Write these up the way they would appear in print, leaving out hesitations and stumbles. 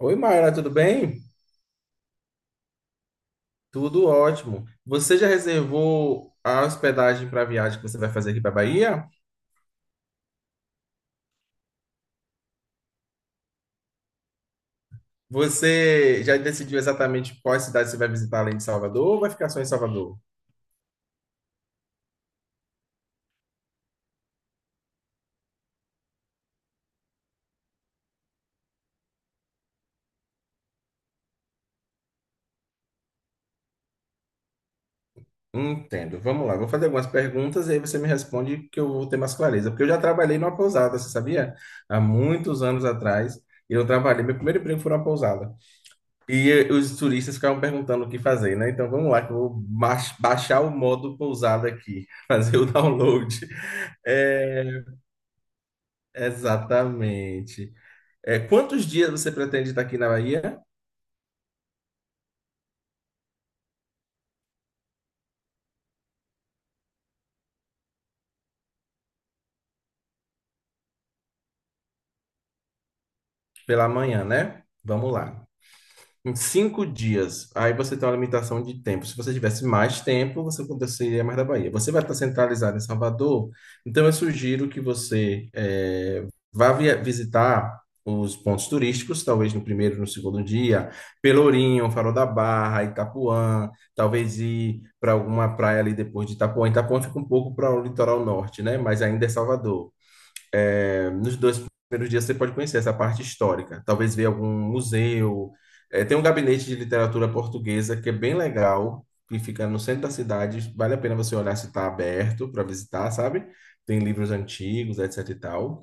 Oi, Mayra, tudo bem? Tudo ótimo. Você já reservou a hospedagem para a viagem que você vai fazer aqui para Bahia? Você já decidiu exatamente quais cidades você vai visitar além de Salvador ou vai ficar só em Salvador? Entendo. Vamos lá, vou fazer algumas perguntas e aí você me responde que eu vou ter mais clareza. Porque eu já trabalhei numa pousada, você sabia? Há muitos anos atrás, eu trabalhei, meu primeiro emprego foi numa pousada. Os turistas ficavam perguntando o que fazer, né? Então vamos lá, que eu vou baixar o modo pousada aqui, fazer o download. É, exatamente. É, quantos dias você pretende estar aqui na Bahia? Pela manhã, né? Vamos lá. Em cinco dias. Aí você tem uma limitação de tempo. Se você tivesse mais tempo, você aconteceria mais da Bahia. Você vai estar centralizado em Salvador, então eu sugiro que você vá visitar os pontos turísticos, talvez no primeiro, no segundo dia, Pelourinho, Farol da Barra, Itapuã, talvez ir para alguma praia ali depois de Itapuã. Itapuã fica um pouco para o litoral norte, né? Mas ainda é Salvador. É, nos dois primeiros dias você pode conhecer essa parte histórica, talvez ver algum museu. É, tem um gabinete de literatura portuguesa que é bem legal, que fica no centro da cidade. Vale a pena você olhar se está aberto para visitar, sabe? Tem livros antigos, etc e tal.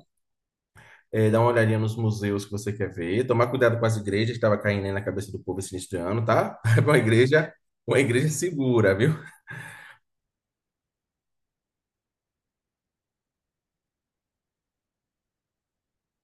É, dar uma olhadinha nos museus que você quer ver. Tomar cuidado com as igrejas que estava caindo aí na cabeça do povo esse início de ano, tá? É uma igreja segura, viu?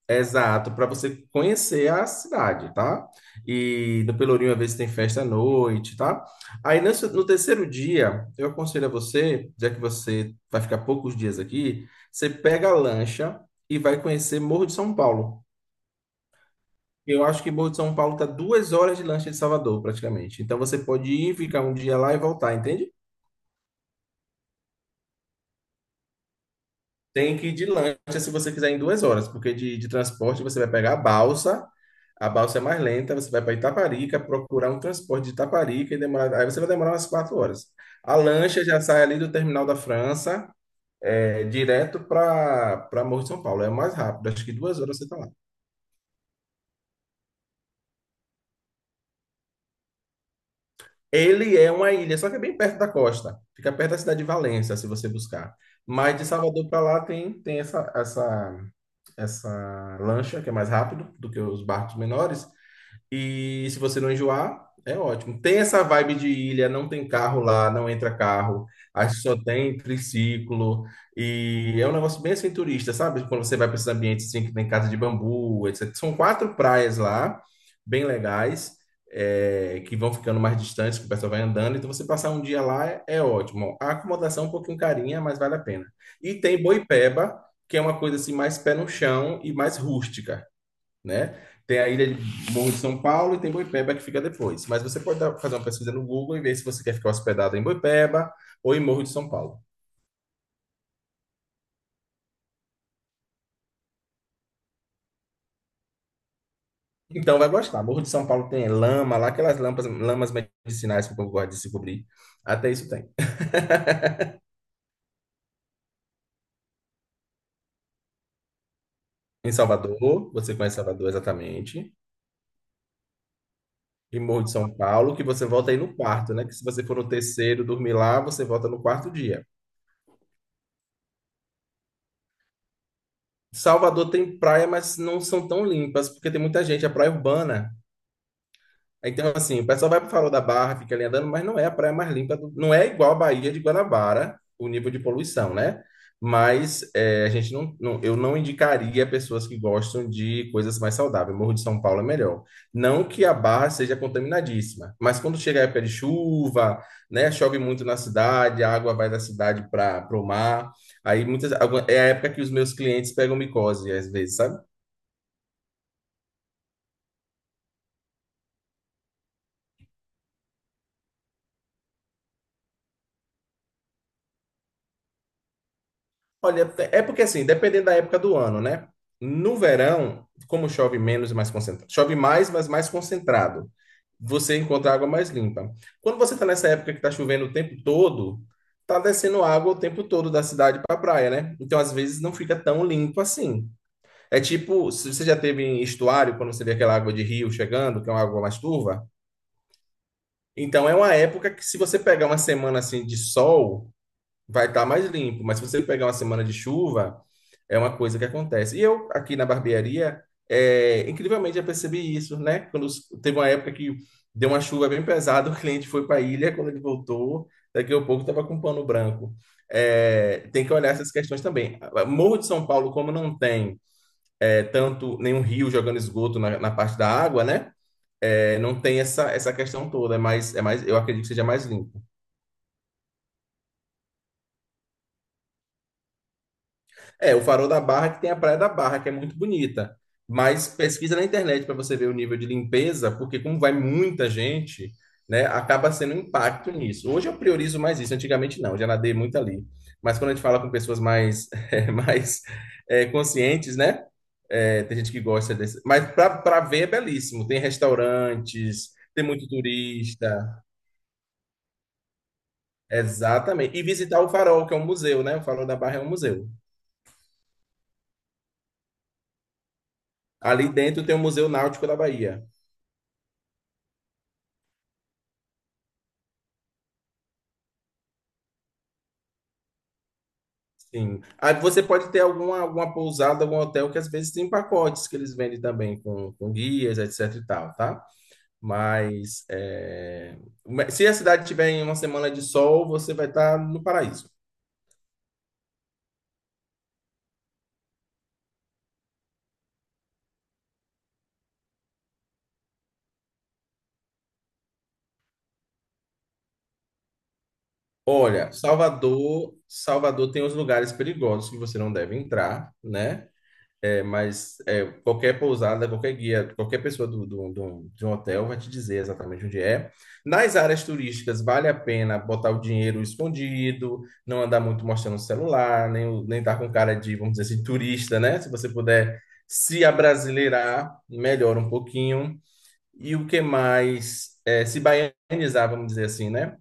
É exato, para você conhecer a cidade, tá? E no Pelourinho, às vezes, tem festa à noite, tá? Aí, no terceiro dia, eu aconselho a você, já que você vai ficar poucos dias aqui, você pega a lancha e vai conhecer Morro de São Paulo. Eu acho que Morro de São Paulo tá duas horas de lancha de Salvador, praticamente. Então, você pode ir, ficar um dia lá e voltar, entende? Tem que ir de lancha se você quiser em duas horas, porque de transporte você vai pegar a balsa é mais lenta, você vai para Itaparica, procurar um transporte de Itaparica e demorar, aí você vai demorar umas quatro horas. A lancha já sai ali do terminal da França, é, direto para Morro de São Paulo, é o mais rápido, acho que duas horas você está lá. Ele é uma ilha, só que é bem perto da costa, fica perto da cidade de Valença, se você buscar. Mas de Salvador para lá tem essa lancha, que é mais rápido do que os barcos menores. E se você não enjoar, é ótimo. Tem essa vibe de ilha, não tem carro lá, não entra carro. Acho que só tem triciclo. E é um negócio bem assim turista, sabe? Quando você vai para esses ambientes assim, que tem casa de bambu, etc. São quatro praias lá, bem legais, é, que vão ficando mais distantes, que o pessoal vai andando. Então você passar um dia lá é, é ótimo. A acomodação é um pouquinho carinha, mas vale a pena. E tem Boipeba, que é uma coisa assim mais pé no chão e mais rústica, né? Tem a ilha de Morro de São Paulo e tem Boipeba que fica depois. Mas você pode fazer uma pesquisa no Google e ver se você quer ficar hospedado em Boipeba ou em Morro de São Paulo. Então vai gostar. Morro de São Paulo tem lama, lá aquelas lampas, lamas medicinais que o povo gosta de se cobrir. Até isso tem. Em Salvador, você conhece Salvador exatamente. E Morro de São Paulo, que você volta aí no quarto, né? Que se você for no terceiro dormir lá, você volta no quarto dia. Salvador tem praia, mas não são tão limpas, porque tem muita gente, é praia urbana. Então, assim, o pessoal vai para o Farol da Barra, fica ali andando, mas não é a praia mais limpa, não é igual a Baía de Guanabara, o nível de poluição, né? Mas é, a gente não, não- eu não indicaria pessoas que gostam de coisas mais saudáveis. Morro de São Paulo é melhor. Não que a Barra seja contaminadíssima, mas quando chega a época de chuva, né, chove muito na cidade, a água vai da cidade para o mar. Aí é a época que os meus clientes pegam micose, às vezes, sabe? Olha, é porque assim, dependendo da época do ano, né? No verão, como chove menos e mais concentrado, chove mais, mas mais concentrado, você encontra água mais limpa. Quando você está nessa época que está chovendo o tempo todo, tá descendo água o tempo todo da cidade para a praia, né? Então, às vezes, não fica tão limpo assim. É tipo, se você já teve em estuário, quando você vê aquela água de rio chegando, que é uma água mais turva. Então, é uma época que, se você pegar uma semana assim de sol, vai estar mais limpo. Mas se você pegar uma semana de chuva, é uma coisa que acontece. E eu, aqui na barbearia, é, incrivelmente já percebi isso, né? Quando teve uma época que deu uma chuva bem pesada, o cliente foi para a ilha, quando ele voltou, daqui a pouco estava com um pano branco. É, tem que olhar essas questões também. Morro de São Paulo, como não tem é, tanto nenhum rio jogando esgoto na parte da água, né? É, não tem essa, essa questão toda, é mais, eu acredito que seja mais limpo. É, o Farol da Barra que tem a Praia da Barra, que é muito bonita. Mas pesquisa na internet para você ver o nível de limpeza, porque como vai muita gente, né, acaba sendo um impacto nisso. Hoje eu priorizo mais isso, antigamente não, já nadei muito ali. Mas quando a gente fala com pessoas mais, mais conscientes, né? Tem gente que gosta desse. Mas para ver é belíssimo. Tem restaurantes, tem muito turista. Exatamente. E visitar o Farol, que é um museu, né? O Farol da Barra é um museu. Ali dentro tem o Museu Náutico da Bahia. Sim. Aí você pode ter alguma pousada, algum hotel que às vezes tem pacotes que eles vendem também com guias, etc e tal, tá? Mas é, se a cidade tiver em uma semana de sol, você vai estar no paraíso. Olha, Salvador tem os lugares perigosos que você não deve entrar, né? É, mas é, qualquer pousada, qualquer guia, qualquer pessoa de um hotel vai te dizer exatamente onde é. Nas áreas turísticas, vale a pena botar o dinheiro escondido, não andar muito mostrando o celular, nem estar com cara de, vamos dizer assim, turista, né? Se você puder se abrasileirar, melhora um pouquinho e o que mais se baianizar, vamos dizer assim, né?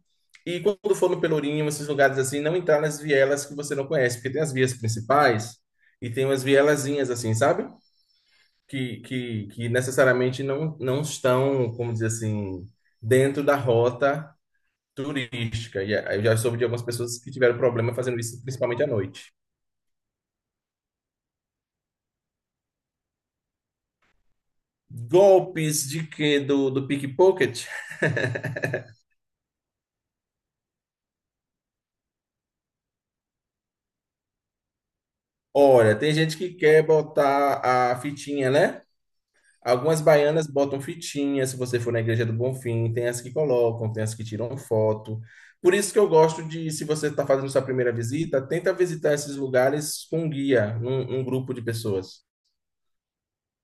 E quando for no Pelourinho, esses lugares assim, não entrar nas vielas que você não conhece, porque tem as vias principais e tem umas vielazinhas assim, sabe? Que necessariamente não estão, como dizer assim, dentro da rota turística. E eu já soube de algumas pessoas que tiveram problema fazendo isso, principalmente à noite. Golpes de quê? Do pickpocket? Olha, tem gente que quer botar a fitinha, né? Algumas baianas botam fitinha, se você for na Igreja do Bonfim, tem as que colocam, tem as que tiram foto. Por isso que eu gosto de, se você está fazendo sua primeira visita, tenta visitar esses lugares com um guia, um grupo de pessoas.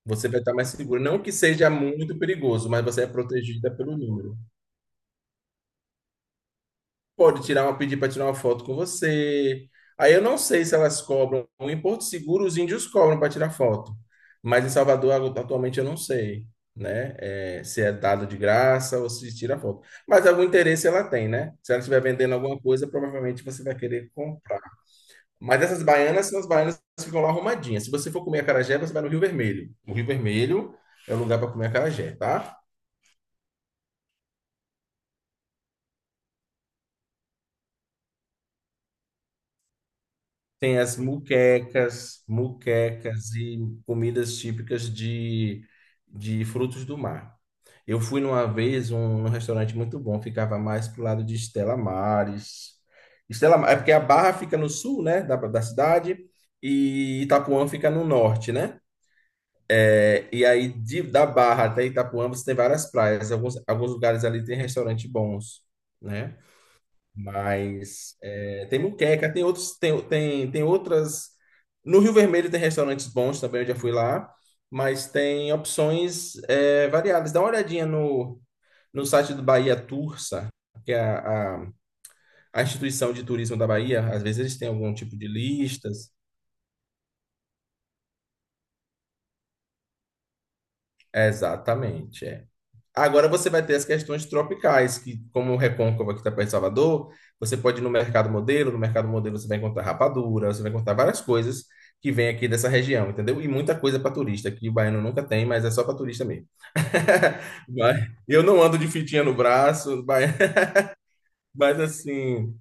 Você vai estar mais seguro. Não que seja muito perigoso, mas você é protegida pelo número. Pode tirar uma, pedir para tirar uma foto com você. Aí eu não sei se elas cobram. Em Porto Seguro, os índios cobram para tirar foto. Mas em Salvador, atualmente, eu não sei, né? É, se é dado de graça ou se tira foto. Mas algum interesse ela tem, né? Se ela estiver vendendo alguma coisa, provavelmente você vai querer comprar. Mas essas baianas são as baianas que ficam lá arrumadinhas. Se você for comer acarajé, você vai no Rio Vermelho. O Rio Vermelho é o lugar para comer acarajé, tá? Tem as muquecas, muquecas e comidas típicas de frutos do mar. Eu fui numa vez num restaurante muito bom, ficava mais pro lado de Estela Maris. É porque a Barra fica no sul, né, da cidade, e Itapuã fica no norte, né? É, e aí da Barra até Itapuã você tem várias praias, alguns, alguns lugares ali tem restaurantes bons, né? Mas é, tem moqueca, tem outros, tem outras. No Rio Vermelho tem restaurantes bons também, eu já fui lá, mas tem opções é, variadas. Dá uma olhadinha no site do Bahia Tursa, que é a instituição de turismo da Bahia. Às vezes eles têm algum tipo de listas. Exatamente, é. Agora você vai ter as questões tropicais, que como o Recôncavo aqui está perto de Salvador, você pode ir no mercado modelo, no mercado modelo você vai encontrar rapadura, você vai encontrar várias coisas que vem aqui dessa região, entendeu? E muita coisa para turista, que o baiano nunca tem, mas é só para turista mesmo. Mas eu não ando de fitinha no braço, mas, mas assim,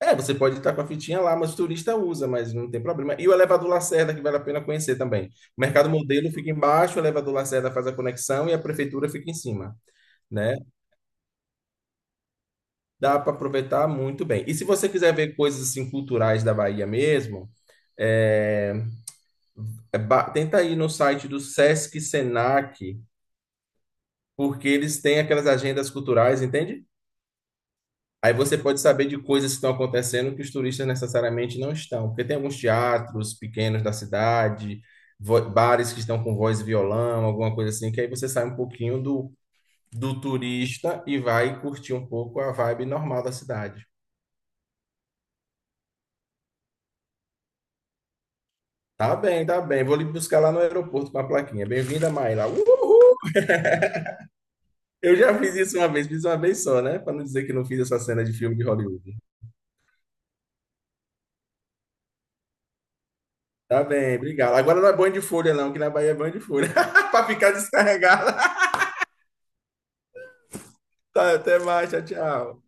é, você pode estar com a fitinha lá, mas o turista usa, mas não tem problema. E o elevador Lacerda, que vale a pena conhecer também. O mercado modelo fica embaixo, o elevador Lacerda faz a conexão e a prefeitura fica em cima, né? Dá para aproveitar muito bem. E se você quiser ver coisas assim culturais da Bahia mesmo, é, tenta ir no site do Sesc Senac, porque eles têm aquelas agendas culturais, entende? Aí você pode saber de coisas que estão acontecendo que os turistas necessariamente não estão, porque tem alguns teatros pequenos da cidade, bares que estão com voz e violão, alguma coisa assim, que aí você sai um pouquinho do, do turista e vai curtir um pouco a vibe normal da cidade. Tá bem, tá bem. Vou lhe buscar lá no aeroporto com a plaquinha. Bem-vinda, Mayra. Uhul! Eu já fiz isso uma vez, fiz uma vez só, né? Para não dizer que não fiz essa cena de filme de Hollywood. Tá bem, obrigado. Agora não é banho de folha, não, que na Bahia é banho de folha. Para ficar descarregada. Tá, até mais, tchau, tchau.